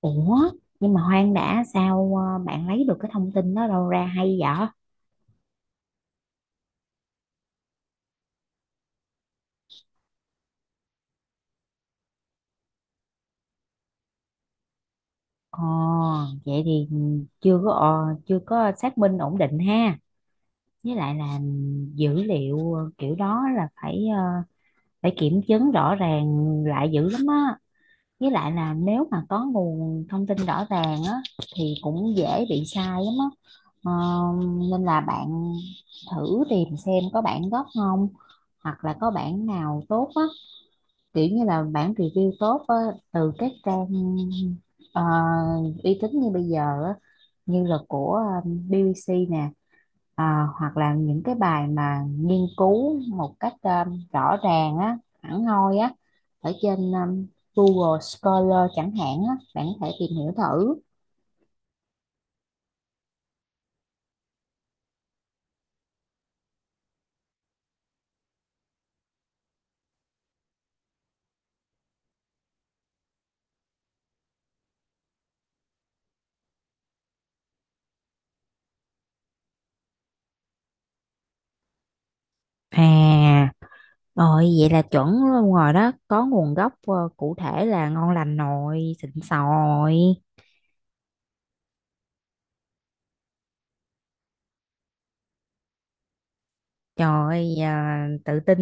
Ủa, nhưng mà Hoang đã sao bạn lấy được cái thông tin đó đâu ra hay vậy? Ồ, vậy thì chưa có xác minh ổn định ha. Với lại là dữ liệu kiểu đó là phải kiểm chứng rõ ràng lại dữ lắm á. Với lại là nếu mà có nguồn thông tin rõ ràng á thì cũng dễ bị sai lắm á. Ờ, nên là bạn thử tìm xem có bản gốc không, hoặc là có bản nào tốt á, kiểu như là bản review tốt á, từ các trang ờ, uy tín như bây giờ á, như là của BBC nè, ờ, hoặc là những cái bài mà nghiên cứu một cách rõ ràng á, hẳn hoi á, ở trên Google Scholar chẳng hạn á, bạn có thể tìm hiểu thử. À, rồi vậy là chuẩn luôn rồi đó, có nguồn gốc cụ thể là ngon lành nồi, xịn sò rồi. Trời ơi, tự tin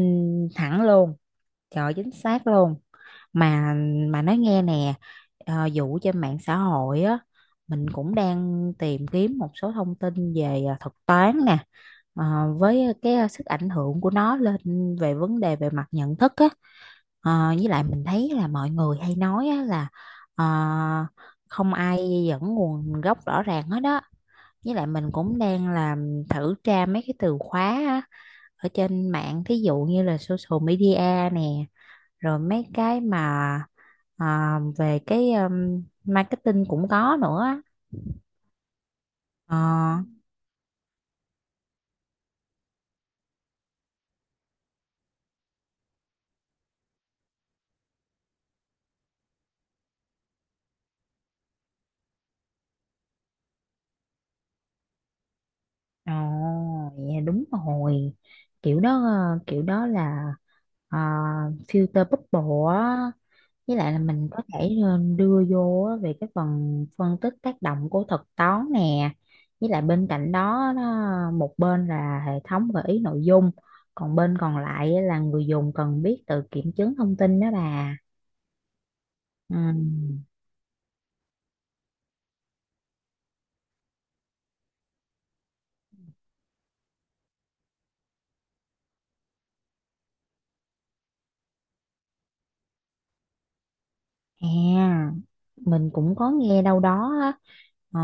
thẳng luôn. Trời, chính xác luôn, mà mà nói nghe nè, vụ trên mạng xã hội á, mình cũng đang tìm kiếm một số thông tin về thuật toán nè, ờ, với cái sức ảnh hưởng của nó lên về vấn đề về mặt nhận thức á. Ờ, với lại mình thấy là mọi người hay nói á, là ờ, không ai dẫn nguồn gốc rõ ràng hết đó, với lại mình cũng đang làm thử tra mấy cái từ khóa á, ở trên mạng thí dụ như là social media nè, rồi mấy cái mà về cái marketing cũng có nữa. Ờ ồ Dạ đúng rồi, kiểu đó là ờ, filter bubble á, với lại là mình có thể đưa vô á về cái phần phân tích tác động của thuật toán nè, với lại bên cạnh đó một bên là hệ thống gợi ý nội dung, còn bên còn lại á là người dùng cần biết tự kiểm chứng thông tin đó bà. Ừ. À, mình cũng có nghe đâu đó á. Ờ,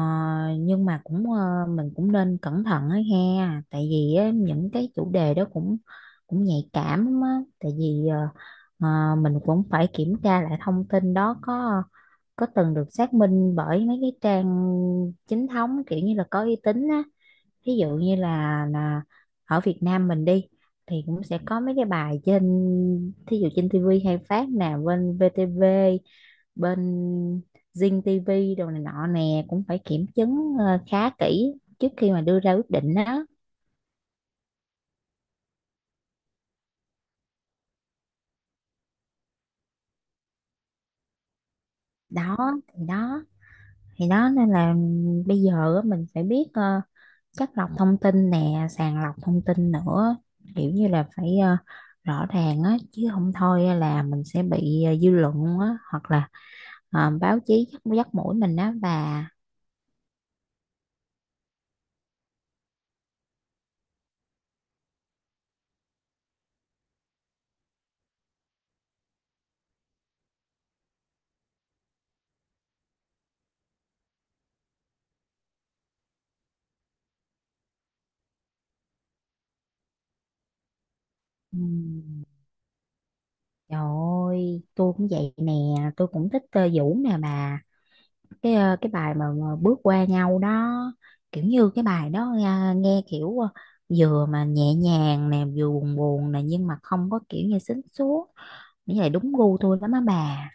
nhưng mà cũng mình cũng nên cẩn thận á ha, tại vì á, những cái chủ đề đó cũng cũng nhạy cảm lắm á, tại vì mình cũng phải kiểm tra lại thông tin đó có từng được xác minh bởi mấy cái trang chính thống, kiểu như là có uy tín á, ví dụ như là ở Việt Nam mình đi thì cũng sẽ có mấy cái bài trên, thí dụ trên TV hay phát nè, bên VTV, bên Zing TV đồ này nọ nè, cũng phải kiểm chứng khá kỹ trước khi mà đưa ra quyết định đó. Đó thì đó thì đó nên là bây giờ á, mình phải biết chắt lọc thông tin nè, sàng lọc thông tin nữa, kiểu như là phải rõ ràng á, chứ không thôi á là mình sẽ bị dư luận á, hoặc là báo chí dắt mũi mình á bà. Ừm, trời ơi tôi cũng vậy nè, tôi cũng thích Vũ nè bà, cái cái bài mà bước qua nhau đó, kiểu như cái bài đó nghe kiểu vừa mà nhẹ nhàng nè, vừa buồn buồn nè, nhưng mà không có kiểu như xính xuống, nghĩ là đúng gu tôi lắm á bà.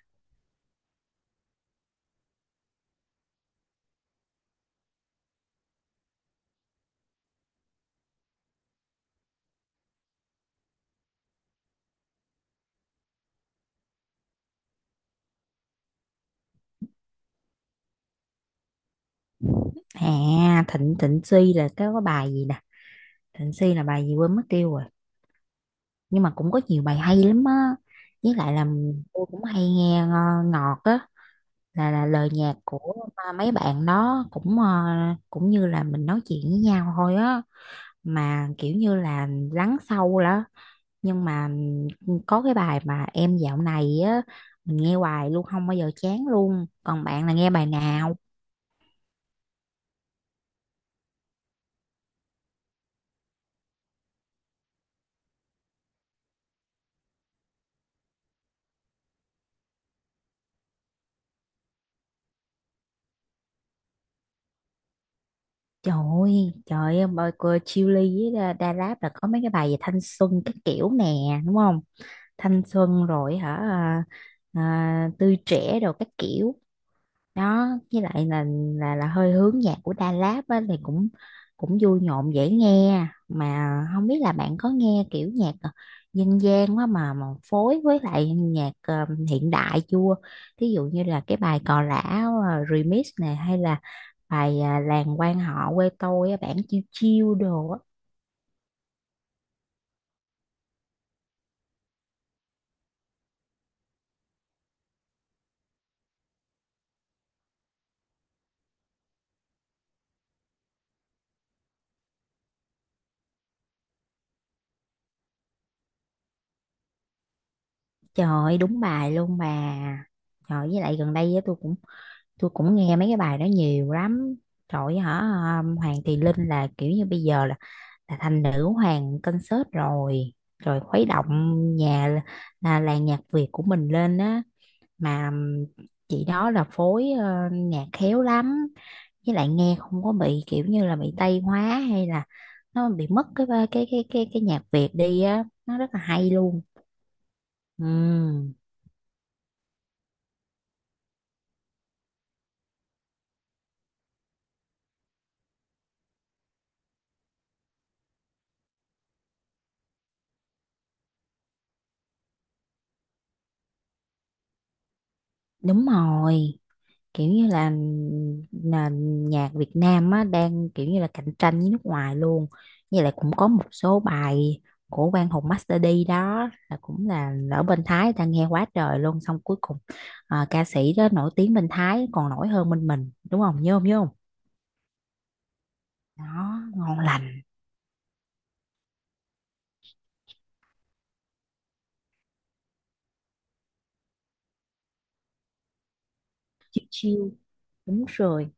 À, Thịnh Thịnh Suy là cái có bài gì nè, Thịnh Suy là bài gì quên mất tiêu rồi, nhưng mà cũng có nhiều bài hay lắm á, với lại là tôi cũng hay nghe ngọt á, là lời nhạc của mấy bạn đó cũng cũng như là mình nói chuyện với nhau thôi á, mà kiểu như là lắng sâu đó, nhưng mà có cái bài mà em dạo này á, mình nghe hoài luôn không bao giờ chán luôn, còn bạn là nghe bài nào? Trời ơi, trời ơi, bài của Chillies với Da Da Rap là có mấy cái bài về thanh xuân cái kiểu nè, đúng không, thanh xuân rồi hả, tươi trẻ rồi các kiểu đó, với lại là hơi hướng nhạc của Đà Lạt á, thì cũng cũng vui nhộn dễ nghe, mà không biết là bạn có nghe kiểu nhạc dân gian quá mà phối với lại nhạc hiện đại chưa, thí dụ như là cái bài Cò Lả remix này, hay là bài Làng quan họ quê tôi á, bản chiêu chiêu đồ á. Trời ơi, đúng bài luôn bà, trời, với lại gần đây á, tôi cũng nghe mấy cái bài đó nhiều lắm. Trời ơi, hả, Hoàng Thùy Linh là kiểu như bây giờ là thành nữ hoàng concert rồi, rồi khuấy động nhà là làng nhạc Việt của mình lên á, mà chị đó là phối nhạc khéo lắm, với lại nghe không có bị kiểu như là bị Tây hóa, hay là nó bị mất cái nhạc Việt đi á, nó rất là hay luôn. Ừ, đúng rồi, kiểu như là nền nhạc Việt Nam á đang kiểu như là cạnh tranh với nước ngoài luôn, với lại cũng có một số bài của Quang Hùng Master D đó là cũng là ở bên Thái người ta nghe quá trời luôn, xong cuối cùng ca sĩ đó nổi tiếng bên Thái còn nổi hơn bên mình, đúng không, nhớ không, nhớ không? Đó, ngon lành. Chill chill, đúng rồi,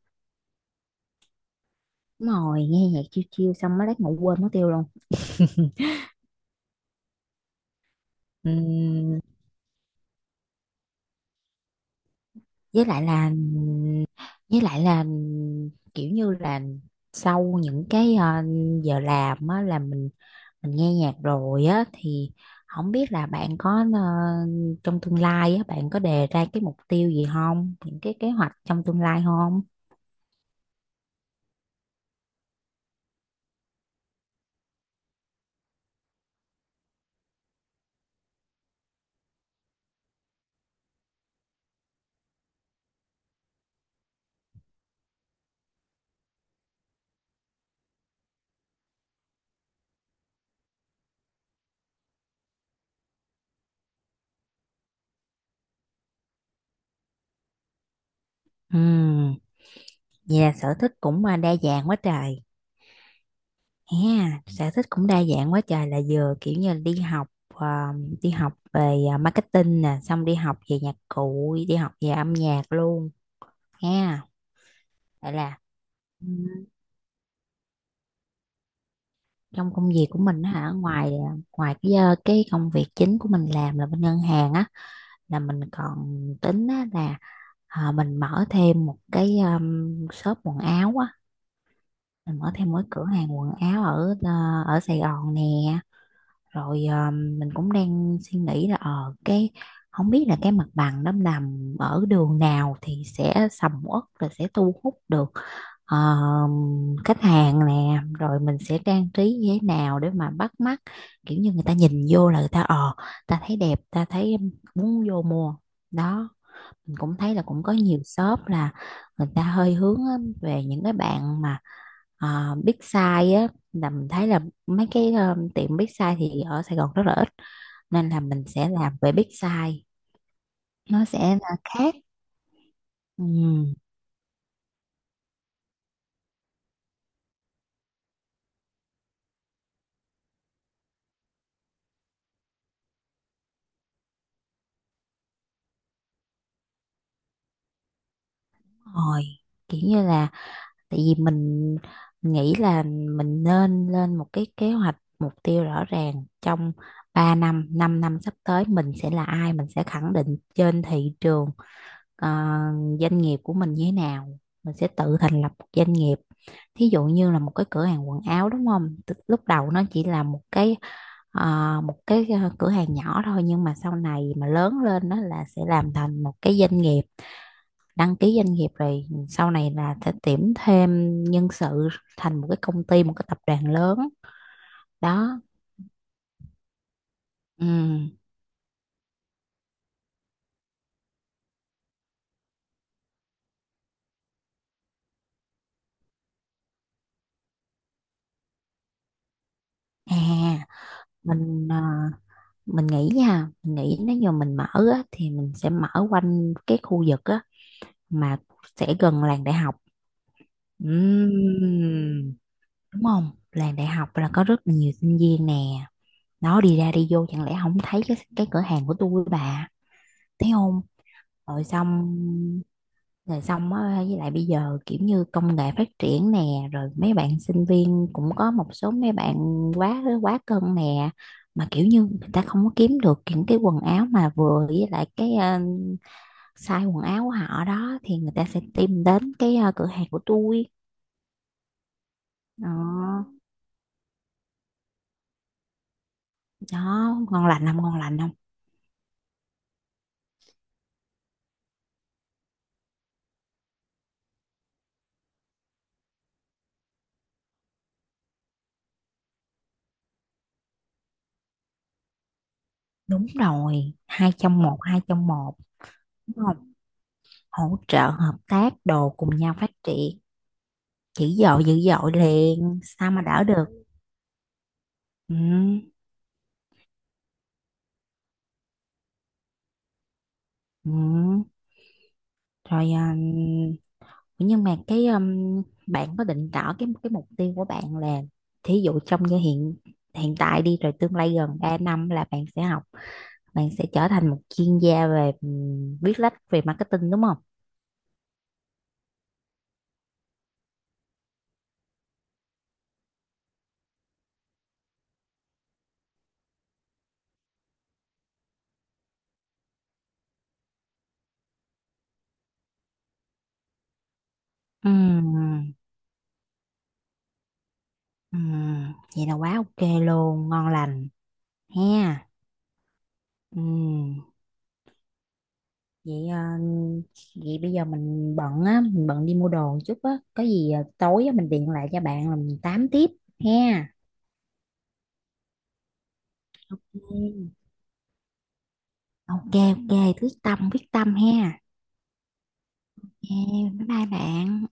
đúng rồi, nghe nhạc chill chill xong mới lát ngủ quên mất tiêu luôn. Ừm, với lại là với lại là kiểu như là sau những cái giờ làm á, là mình nghe nhạc rồi á, thì không biết là bạn có trong tương lai á, bạn có đề ra cái mục tiêu gì không, những cái kế hoạch trong tương lai không? Ừ, vậy là sở thích cũng đa dạng quá trời ha, sở thích cũng đa dạng quá trời, là vừa kiểu như là đi học đi học về marketing nè, xong đi học về nhạc cụ, đi học về âm nhạc luôn ha. Vậy là ừ, trong công việc của mình á hả, ngoài ngoài cái cái công việc chính của mình làm là bên ngân hàng á, là mình còn tính á, là mình mở thêm một cái shop quần áo á, mình mở thêm một cái cửa hàng quần áo ở ở Sài Gòn nè, rồi mình cũng đang suy nghĩ là cái không biết là cái mặt bằng nó nằm ở đường nào thì sẽ sầm uất và sẽ thu hút được ờ, khách hàng nè, rồi mình sẽ trang trí như thế nào để mà bắt mắt, kiểu như người ta nhìn vô là người ta thấy đẹp, ta thấy muốn vô mua. Đó, mình cũng thấy là cũng có nhiều shop là người ta hơi hướng á, về những cái bạn mà Ờ, Big Size á, là mình thấy là mấy cái tiệm Big Size thì ở Sài Gòn rất là ít, nên là mình sẽ làm về Big Size, nó sẽ là khác. Ừ, đúng rồi, kiểu như là tại vì mình nghĩ là mình nên lên một cái kế hoạch mục tiêu rõ ràng trong 3 năm 5 năm sắp tới mình sẽ là ai, mình sẽ khẳng định trên thị trường, ờ, doanh nghiệp của mình như thế nào, mình sẽ tự thành lập một doanh nghiệp, thí dụ như là một cái cửa hàng quần áo đúng không. Tức lúc đầu nó chỉ là một cái cửa hàng nhỏ thôi, nhưng mà sau này mà lớn lên nó là sẽ làm thành một cái doanh nghiệp, đăng ký doanh nghiệp, rồi sau này là sẽ tuyển thêm nhân sự, thành một cái công ty, một cái tập đoàn lớn. Đó, ừ, à, mình mình nghĩ nha, mình nghĩ nếu như mình mở á, thì mình sẽ mở quanh cái khu vực á mà sẽ gần làng đại học. Ừm, đúng không, làng đại học là có rất là nhiều sinh viên nè, nó đi ra đi vô chẳng lẽ không thấy cái cửa hàng của tôi bà. Thấy không, rồi xong rồi xong á, với lại bây giờ kiểu như công nghệ phát triển nè, rồi mấy bạn sinh viên cũng có một số mấy bạn quá quá cân nè, mà kiểu như người ta không có kiếm được những cái quần áo mà vừa với lại cái size quần áo của họ đó, thì người ta sẽ tìm đến cái cửa hàng của tôi. Đó, đó, ngon lành không, ngon lành không? Đúng rồi, hai trong một, đúng không? Hỗ trợ, hợp tác, đồ cùng nhau phát triển. Dữ dội liền, sao mà đỡ được? Ừ, ừ. Rồi, nhưng mà cái bạn có định rõ cái mục tiêu của bạn là thí dụ trong như hiện hiện tại đi, rồi tương lai gần 3 năm là bạn sẽ học, bạn sẽ trở thành một chuyên gia về viết lách về marketing đúng không? Ừ. Vậy là quá ok luôn, ngon lành ha. Ừm, vậy vậy bây giờ mình bận á, mình bận đi mua đồ chút á, có gì tối á, mình điện lại cho bạn là mình tám tiếp ha. Ừ. Ok ok, quyết tâm ha. Yeah, bye bye bạn.